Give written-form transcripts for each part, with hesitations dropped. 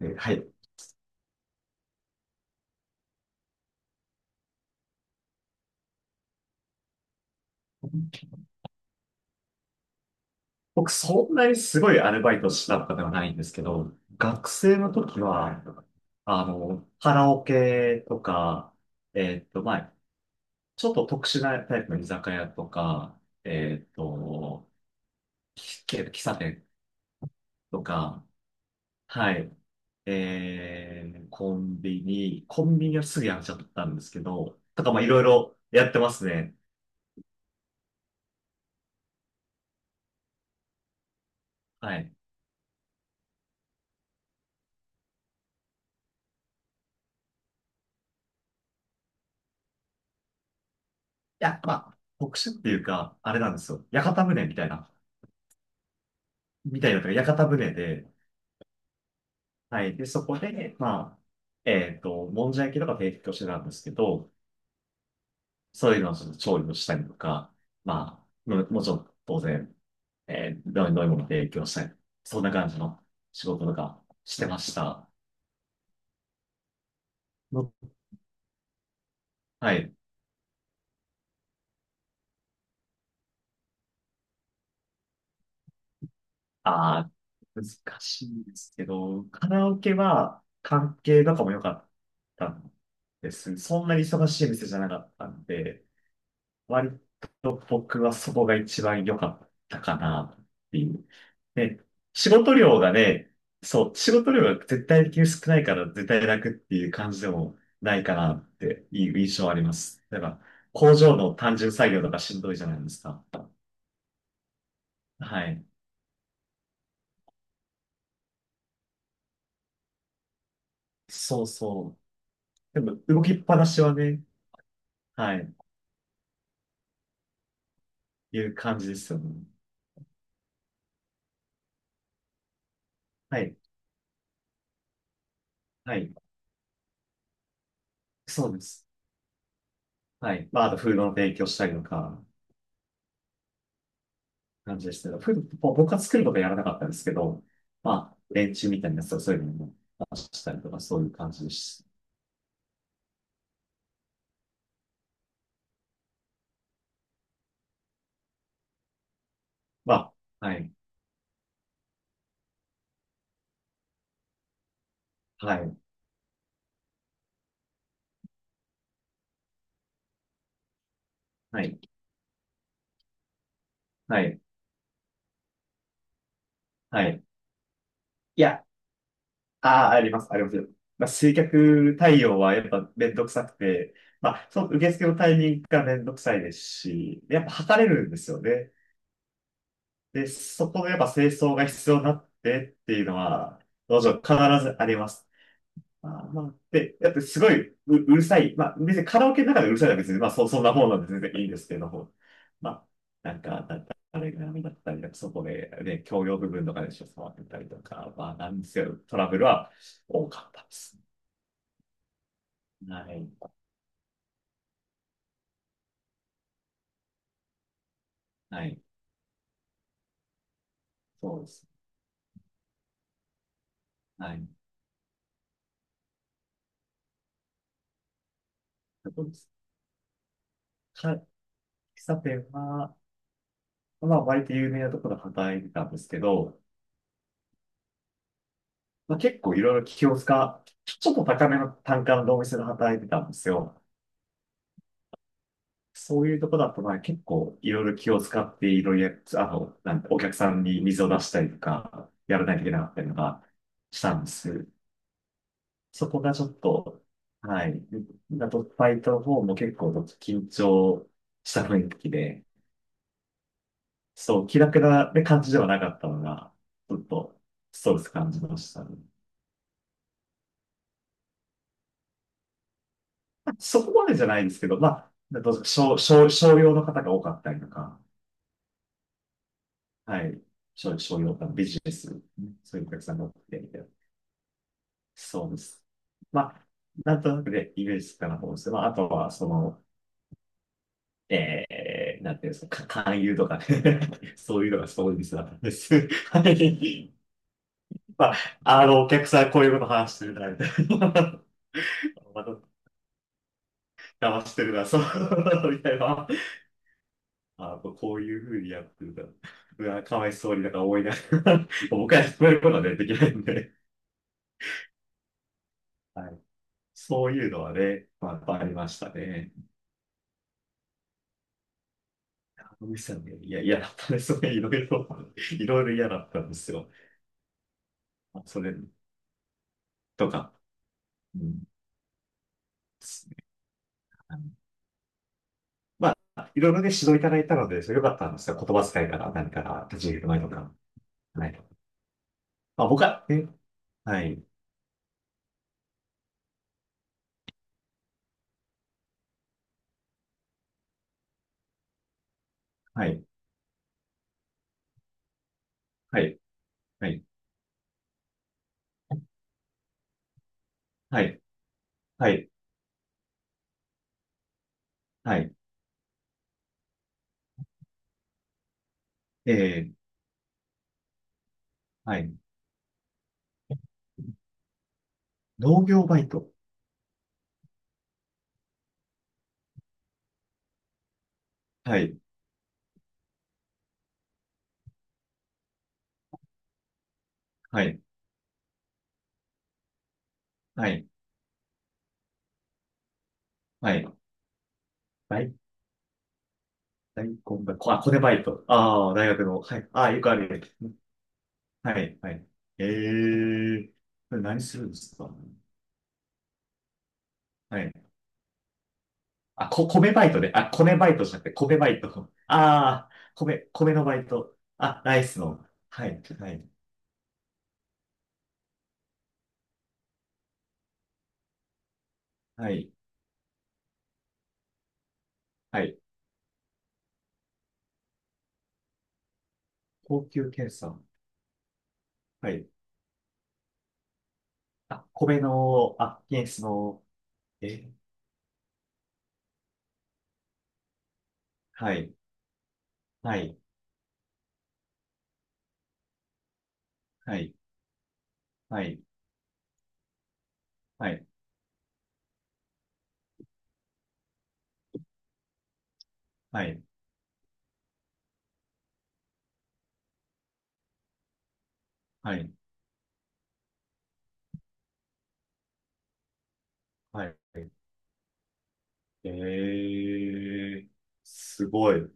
はい。僕、そんなにすごいアルバイトしたとかではないんですけど、学生の時は、カラオケとか、えっと、まあ、ちょっと特殊なタイプの居酒屋とか、えっと、喫茶店とか、はい、コンビニはすぐやめちゃったんですけど、とか、まあ、いろいろやってますね。はい。いや、まあ、特殊っていうか、あれなんですよ。屋形船みたいな。みたいなのが屋形船で、はい。で、そこで、まあ、もんじゃ焼きとか提供してたんですけど、そういうのをちょっと調理をしたりとか、まあ、もちろん当然、どういう飲み物提供したり、そんな感じの仕事とかしてました。のはい。ああ、難しいですけど、カラオケは関係とかも良かったんです。そんなに忙しい店じゃなかったんで、割と僕はそこが一番良かったかなっていう。ね、仕事量がね、そう、仕事量が絶対的に少ないから絶対楽っていう感じでもないかなっていう印象はあります。例えば、工場の単純作業とかしんどいじゃないですか。はい。そうそう。でも、動きっぱなしはね、はい、いう感じですよね。はい、はい。そうです。はい。まあ、あと、フードの提供したりとか、感じでしたけど、僕は作ることはやらなかったんですけど、まあ、連中みたいなやつをそういうのも出したりとか、そういう感じです。まあ、はい、はい、はい、はい、はい。いや、ああ、あります、ありますよ。まあ、集客対応はやっぱめんどくさくて、まあ、その受付のタイミングがめんどくさいですし、やっぱ測れるんですよね。で、そこのやっぱ清掃が必要になってっていうのは、どうしよう必ずあります。あーまあ、で、だってすごいう、うるさい。まあ、別にカラオケの中でうるさいのは別に、まあ、そんなもんなんで全然いいんですけども。まあ、なんか、だあれが波だったりか、そこで、ね、共用部分とかでしょ、触ってたりとか、まあ、なんですけど、トラブルは多かったです。はい。はい。そうです。はい。そうです。か、喫茶店は、まあ、割と有名なところで働いてたんですけど、まあ、結構いろいろ気を使う、ちょっと高めの単価のお店で働いてたんですよ。そういうとこだと、まあ結構いろいろ気を使っていろいろや、あの、なんてお客さんに水を出したりとか、やらないといけなかったりとかしたんです。そこがちょっと、はい。だと、ファイトの方も結構緊張した雰囲気で、そう、気楽な感じではなかったのが、ちょっとストレス感じましたね。まあそこまでじゃないんですけど、まあ、どうと少、少、商用の方が多かったりとか、はい。商用とかビジネス、そういうお客さんが多くて、みたいな。そうです。まあ、なんとなくでイメージつくかなと思うんですけど、まあ、あとは、その、なんていうんですか、勧誘とかね。 そういうのがすごいミスだったんです。はい。まあ、あの、お客さんこういうこと話してるな、みたいな。また、騙してるな、そう、みたいな。あ、こういうふうにやってるんだ。うわ、かわいそうになんか思いながら、僕はそういうことはね、できないんで。はい。そういうのはね、まあ、やっぱありましたね。野口さんね、いや、嫌だったですね。それ、いろいろ、いろいろ嫌だったんですよ。それとか。うんですね。まあ、いろいろね、指導いただいたので、それ良かったんですよ。言葉遣いから何から立ち入り前とか。はい。まあ、僕は、はい、はい、はい、はい、はい、はい、はい、えー、はい、農業バイト。はい、はい、はい、はい、大、大根バイト。あ、コネバイト。ああ、大学の。はい。ああ、よくある。はい、はい。ええこれ何するんですか。はい。あ、こ、米バイトで、あ、米バイトじゃなくて、米バイト。ああ、米、米のバイト。あ、ライスの。はい、はい、はい、はい。高級検査。はい。あ、米の、あ、検出の、え、はい、はい、はい、はい、はい、はい、はい、はい。ええーすごい。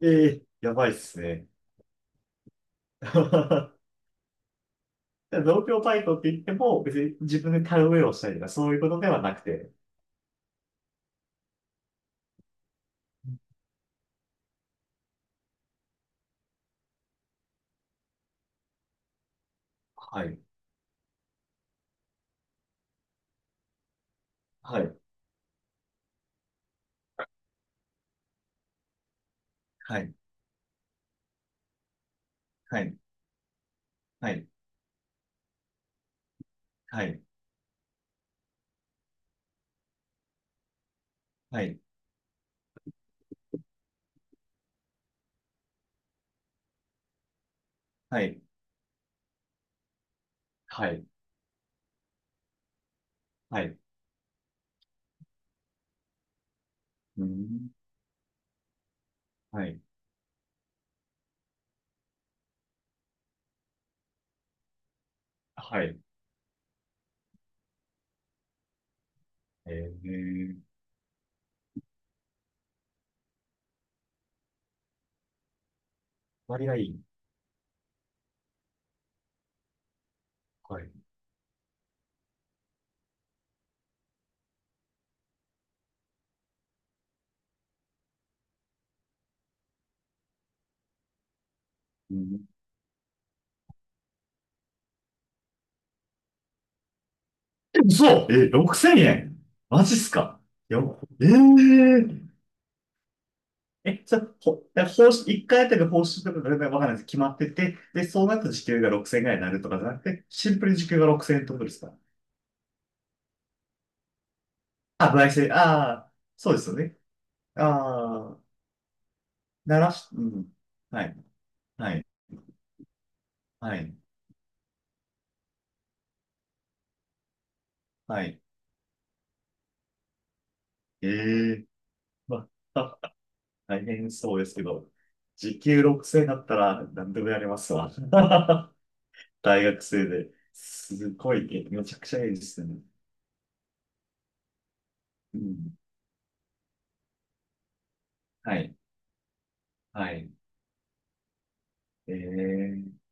ええーやばいっすね。で農協バイトって言っても、別に自分で田植えをしたりとか、そういうことではなくて、はい、はい、はい、はい、はい、はい、はい、はい、はい、はい、うん、はい、はい、えー、割がいい。はい、うん。え嘘え、6000円マジっすかやばえー、え、じゃあ、報酬、1回あたりの報酬とかが全然わからないです。決まってて、で、そうなった時給が6000円ぐらいになるとかじゃなくて、シンプルに時給が6000円ってことですか。あ、焙煎、ああ、そうですよね。ああ、鳴らし、うん。はい、はい、はい、はい。ええまあ、大変そうですけど、時給6 0だったら何でもやりますわ。大学生で。すごいね、めちゃくちゃいいですね。うん、はい、はい。ええ